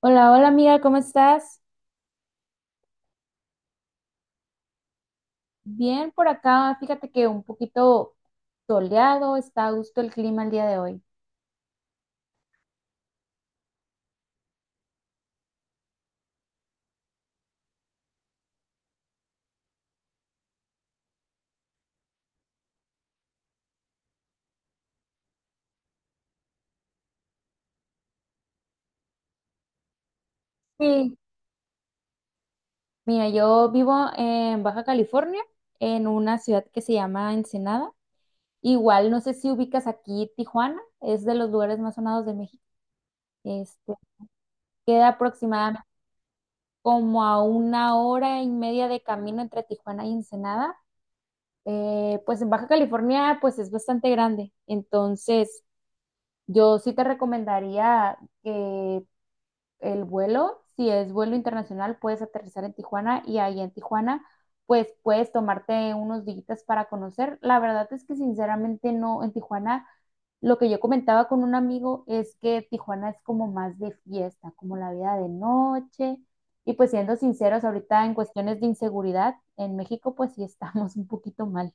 Hola, hola amiga, ¿cómo estás? Bien por acá, fíjate que un poquito soleado, está a gusto el clima el día de hoy. Sí. Mira, yo vivo en Baja California, en una ciudad que se llama Ensenada. Igual, no sé si ubicas aquí Tijuana, es de los lugares más sonados de México. Este, queda aproximadamente como a una hora y media de camino entre Tijuana y Ensenada. Pues en Baja California, pues es bastante grande, entonces yo sí te recomendaría que el vuelo, si es vuelo internacional, puedes aterrizar en Tijuana y ahí en Tijuana, pues puedes tomarte unos días para conocer. La verdad es que sinceramente no, en Tijuana, lo que yo comentaba con un amigo es que Tijuana es como más de fiesta, como la vida de noche. Y pues siendo sinceros, ahorita en cuestiones de inseguridad, en México pues sí estamos un poquito mal.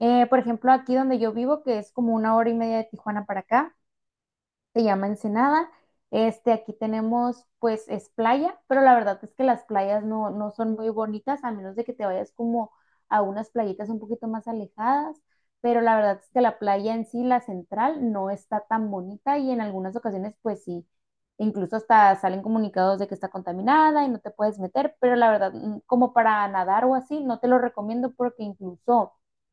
Por ejemplo, aquí donde yo vivo, que es como una hora y media de Tijuana para acá, se llama Ensenada. Este, aquí tenemos, pues, es playa, pero la verdad es que las playas no, no son muy bonitas, a menos de que te vayas como a unas playitas un poquito más alejadas, pero la verdad es que la playa en sí, la central, no está tan bonita y en algunas ocasiones, pues sí, incluso hasta salen comunicados de que está contaminada y no te puedes meter, pero la verdad, como para nadar o así, no te lo recomiendo porque incluso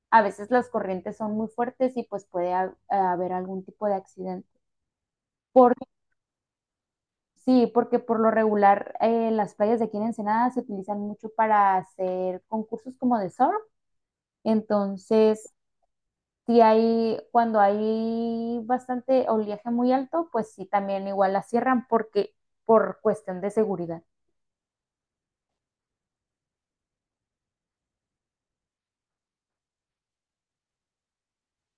a veces las corrientes son muy fuertes y pues puede haber algún tipo de accidente. Por Sí, porque por lo regular las playas de aquí en Ensenada se utilizan mucho para hacer concursos como de surf. Entonces, si hay, cuando hay bastante oleaje muy alto, pues sí, también igual la cierran porque por cuestión de seguridad.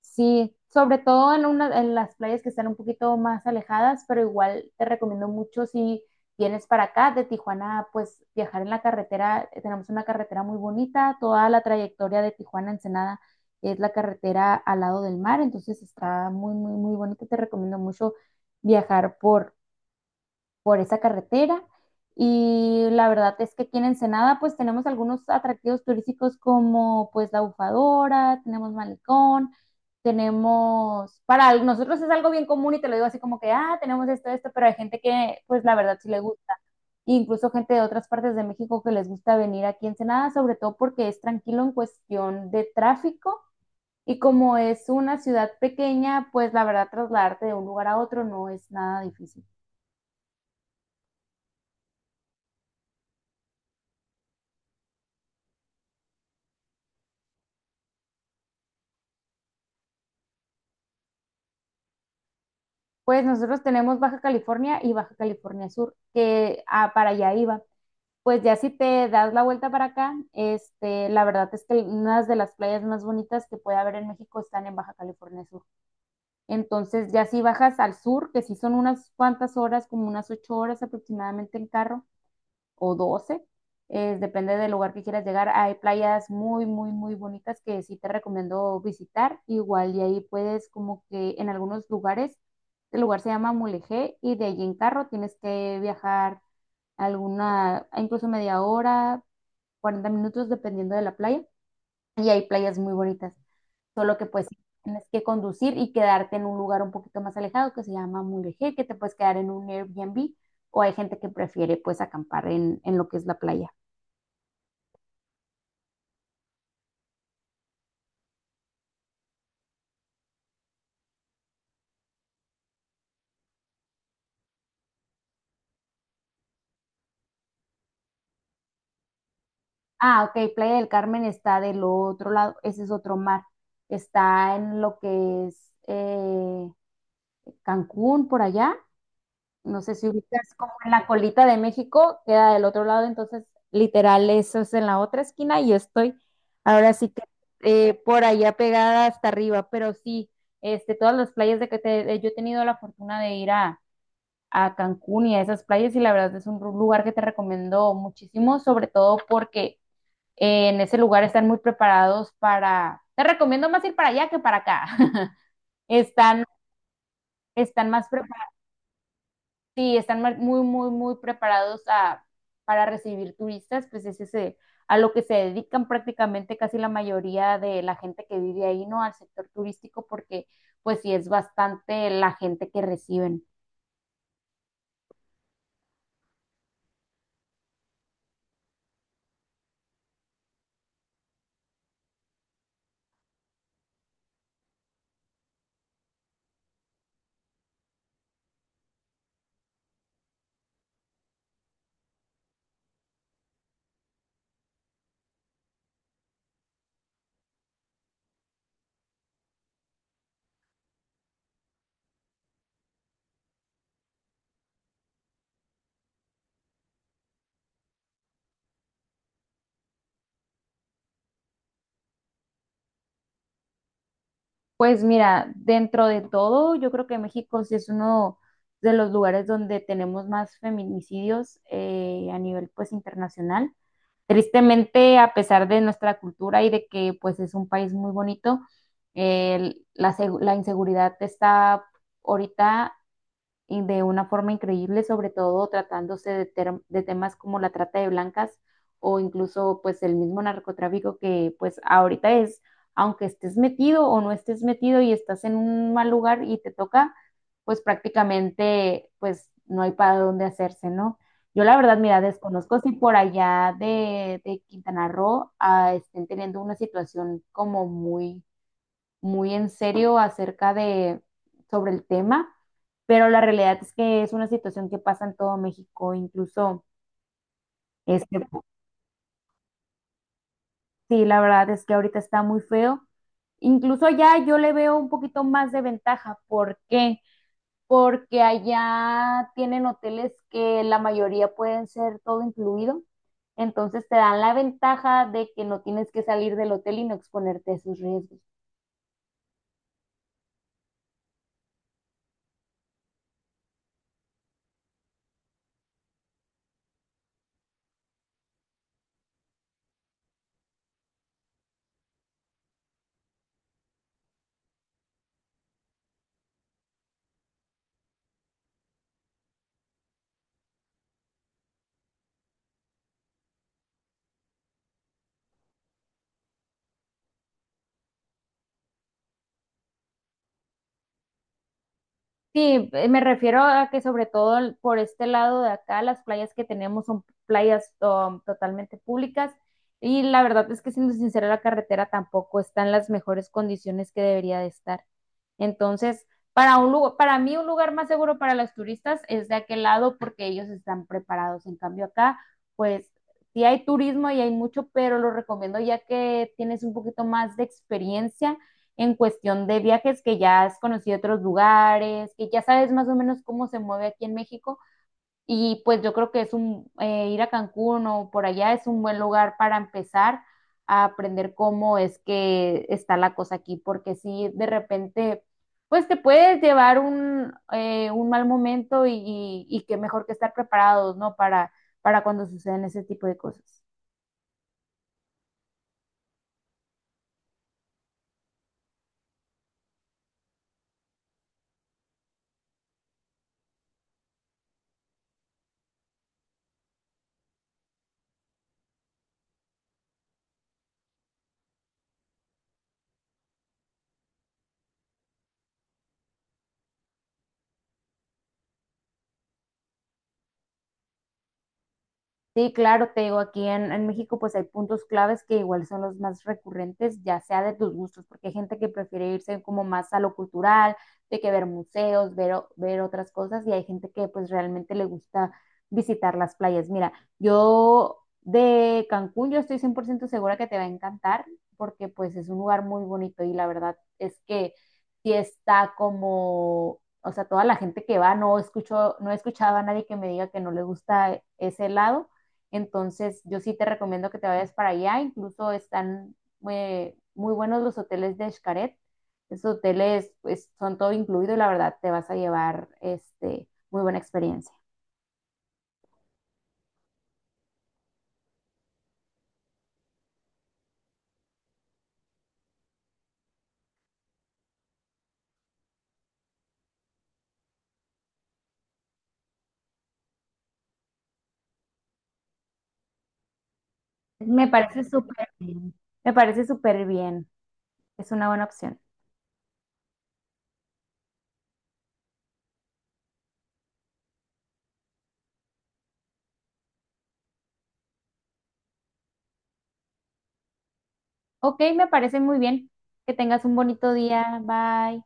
Sí, sobre todo en las playas que están un poquito más alejadas, pero igual te recomiendo mucho si vienes para acá de Tijuana, pues viajar en la carretera, tenemos una carretera muy bonita, toda la trayectoria de Tijuana a Ensenada es la carretera al lado del mar, entonces está muy, muy, muy bonito, te recomiendo mucho viajar por esa carretera. Y la verdad es que aquí en Ensenada pues tenemos algunos atractivos turísticos como pues la bufadora, tenemos malecón, tenemos, nosotros es algo bien común y te lo digo así como que, tenemos esto, esto, pero hay gente que pues la verdad sí le gusta. Incluso gente de otras partes de México que les gusta venir aquí en Ensenada, sobre todo porque es tranquilo en cuestión de tráfico y como es una ciudad pequeña, pues la verdad trasladarte de un lugar a otro no es nada difícil. Pues nosotros tenemos Baja California y Baja California Sur, que para allá iba. Pues ya si te das la vuelta para acá, este, la verdad es que unas de las playas más bonitas que puede haber en México están en Baja California Sur. Entonces ya si bajas al sur, que sí son unas cuantas horas, como unas 8 horas aproximadamente en carro, o 12. Depende del lugar que quieras llegar. Hay playas muy, muy, muy bonitas que sí te recomiendo visitar. Igual, y ahí puedes como que en algunos lugares, el lugar se llama Mulegé y de allí en carro tienes que viajar alguna, incluso media hora, 40 minutos, dependiendo de la playa y hay playas muy bonitas. Solo que pues tienes que conducir y quedarte en un lugar un poquito más alejado que se llama Mulegé, que te puedes quedar en un Airbnb o hay gente que prefiere pues acampar en lo que es la playa. Ah, ok, Playa del Carmen está del otro lado, ese es otro mar. Está en lo que es Cancún, por allá. No sé si ubicas como en la colita de México, queda del otro lado, entonces literal eso es en la otra esquina y yo estoy ahora sí que por allá pegada hasta arriba, pero sí, este, todas las playas de que yo he tenido la fortuna de ir a Cancún y a esas playas y la verdad es un lugar que te recomiendo muchísimo, sobre todo porque en ese lugar están muy preparados para, te recomiendo más ir para allá que para acá, están, están más preparados. Sí, están muy, muy, muy preparados para recibir turistas, pues es ese, a lo que se dedican prácticamente casi la mayoría de la gente que vive ahí, ¿no? Al sector turístico, porque pues sí es bastante la gente que reciben. Pues mira, dentro de todo, yo creo que México sí es uno de los lugares donde tenemos más feminicidios a nivel pues internacional. Tristemente, a pesar de nuestra cultura y de que pues es un país muy bonito, la inseguridad está ahorita y de una forma increíble, sobre todo tratándose de temas como la trata de blancas o incluso pues el mismo narcotráfico que pues ahorita es, aunque estés metido o no estés metido y estás en un mal lugar y te toca, pues prácticamente pues no hay para dónde hacerse, ¿no? Yo la verdad, mira, desconozco si por allá de Quintana Roo estén teniendo una situación como muy muy en serio acerca de sobre el tema, pero la realidad es que es una situación que pasa en todo México, incluso este, sí, la verdad es que ahorita está muy feo. Incluso allá yo le veo un poquito más de ventaja. ¿Por qué? Porque allá tienen hoteles que la mayoría pueden ser todo incluido. Entonces te dan la ventaja de que no tienes que salir del hotel y no exponerte a esos riesgos. Sí, me refiero a que sobre todo por este lado de acá, las playas que tenemos son playas totalmente públicas y la verdad es que siendo sincera, la carretera tampoco está en las mejores condiciones que debería de estar. Entonces, para mí un lugar más seguro para los turistas es de aquel lado porque ellos están preparados. En cambio acá, pues sí hay turismo y hay mucho, pero lo recomiendo ya que tienes un poquito más de experiencia en cuestión de viajes, que ya has conocido otros lugares, que ya sabes más o menos cómo se mueve aquí en México. Y pues yo creo que ir a Cancún o por allá es un buen lugar para empezar a aprender cómo es que está la cosa aquí, porque si de repente, pues te puedes llevar un mal momento y que mejor que estar preparados, ¿no? Para cuando suceden ese tipo de cosas. Sí, claro, te digo, aquí en México pues hay puntos claves que igual son los más recurrentes, ya sea de tus gustos, porque hay gente que prefiere irse como más a lo cultural, de que ver museos, ver otras cosas, y hay gente que pues realmente le gusta visitar las playas. Mira, yo de Cancún yo estoy 100% segura que te va a encantar, porque pues es un lugar muy bonito y la verdad es que sí está como, o sea, toda la gente que va, no he escuchado a nadie que me diga que no le gusta ese lado. Entonces, yo sí te recomiendo que te vayas para allá. Incluso están muy muy buenos los hoteles de Xcaret. Esos hoteles pues, son todo incluido y la verdad te vas a llevar este, muy buena experiencia. Me parece súper bien. Me parece súper bien. Es una buena opción. Ok, me parece muy bien. Que tengas un bonito día. Bye.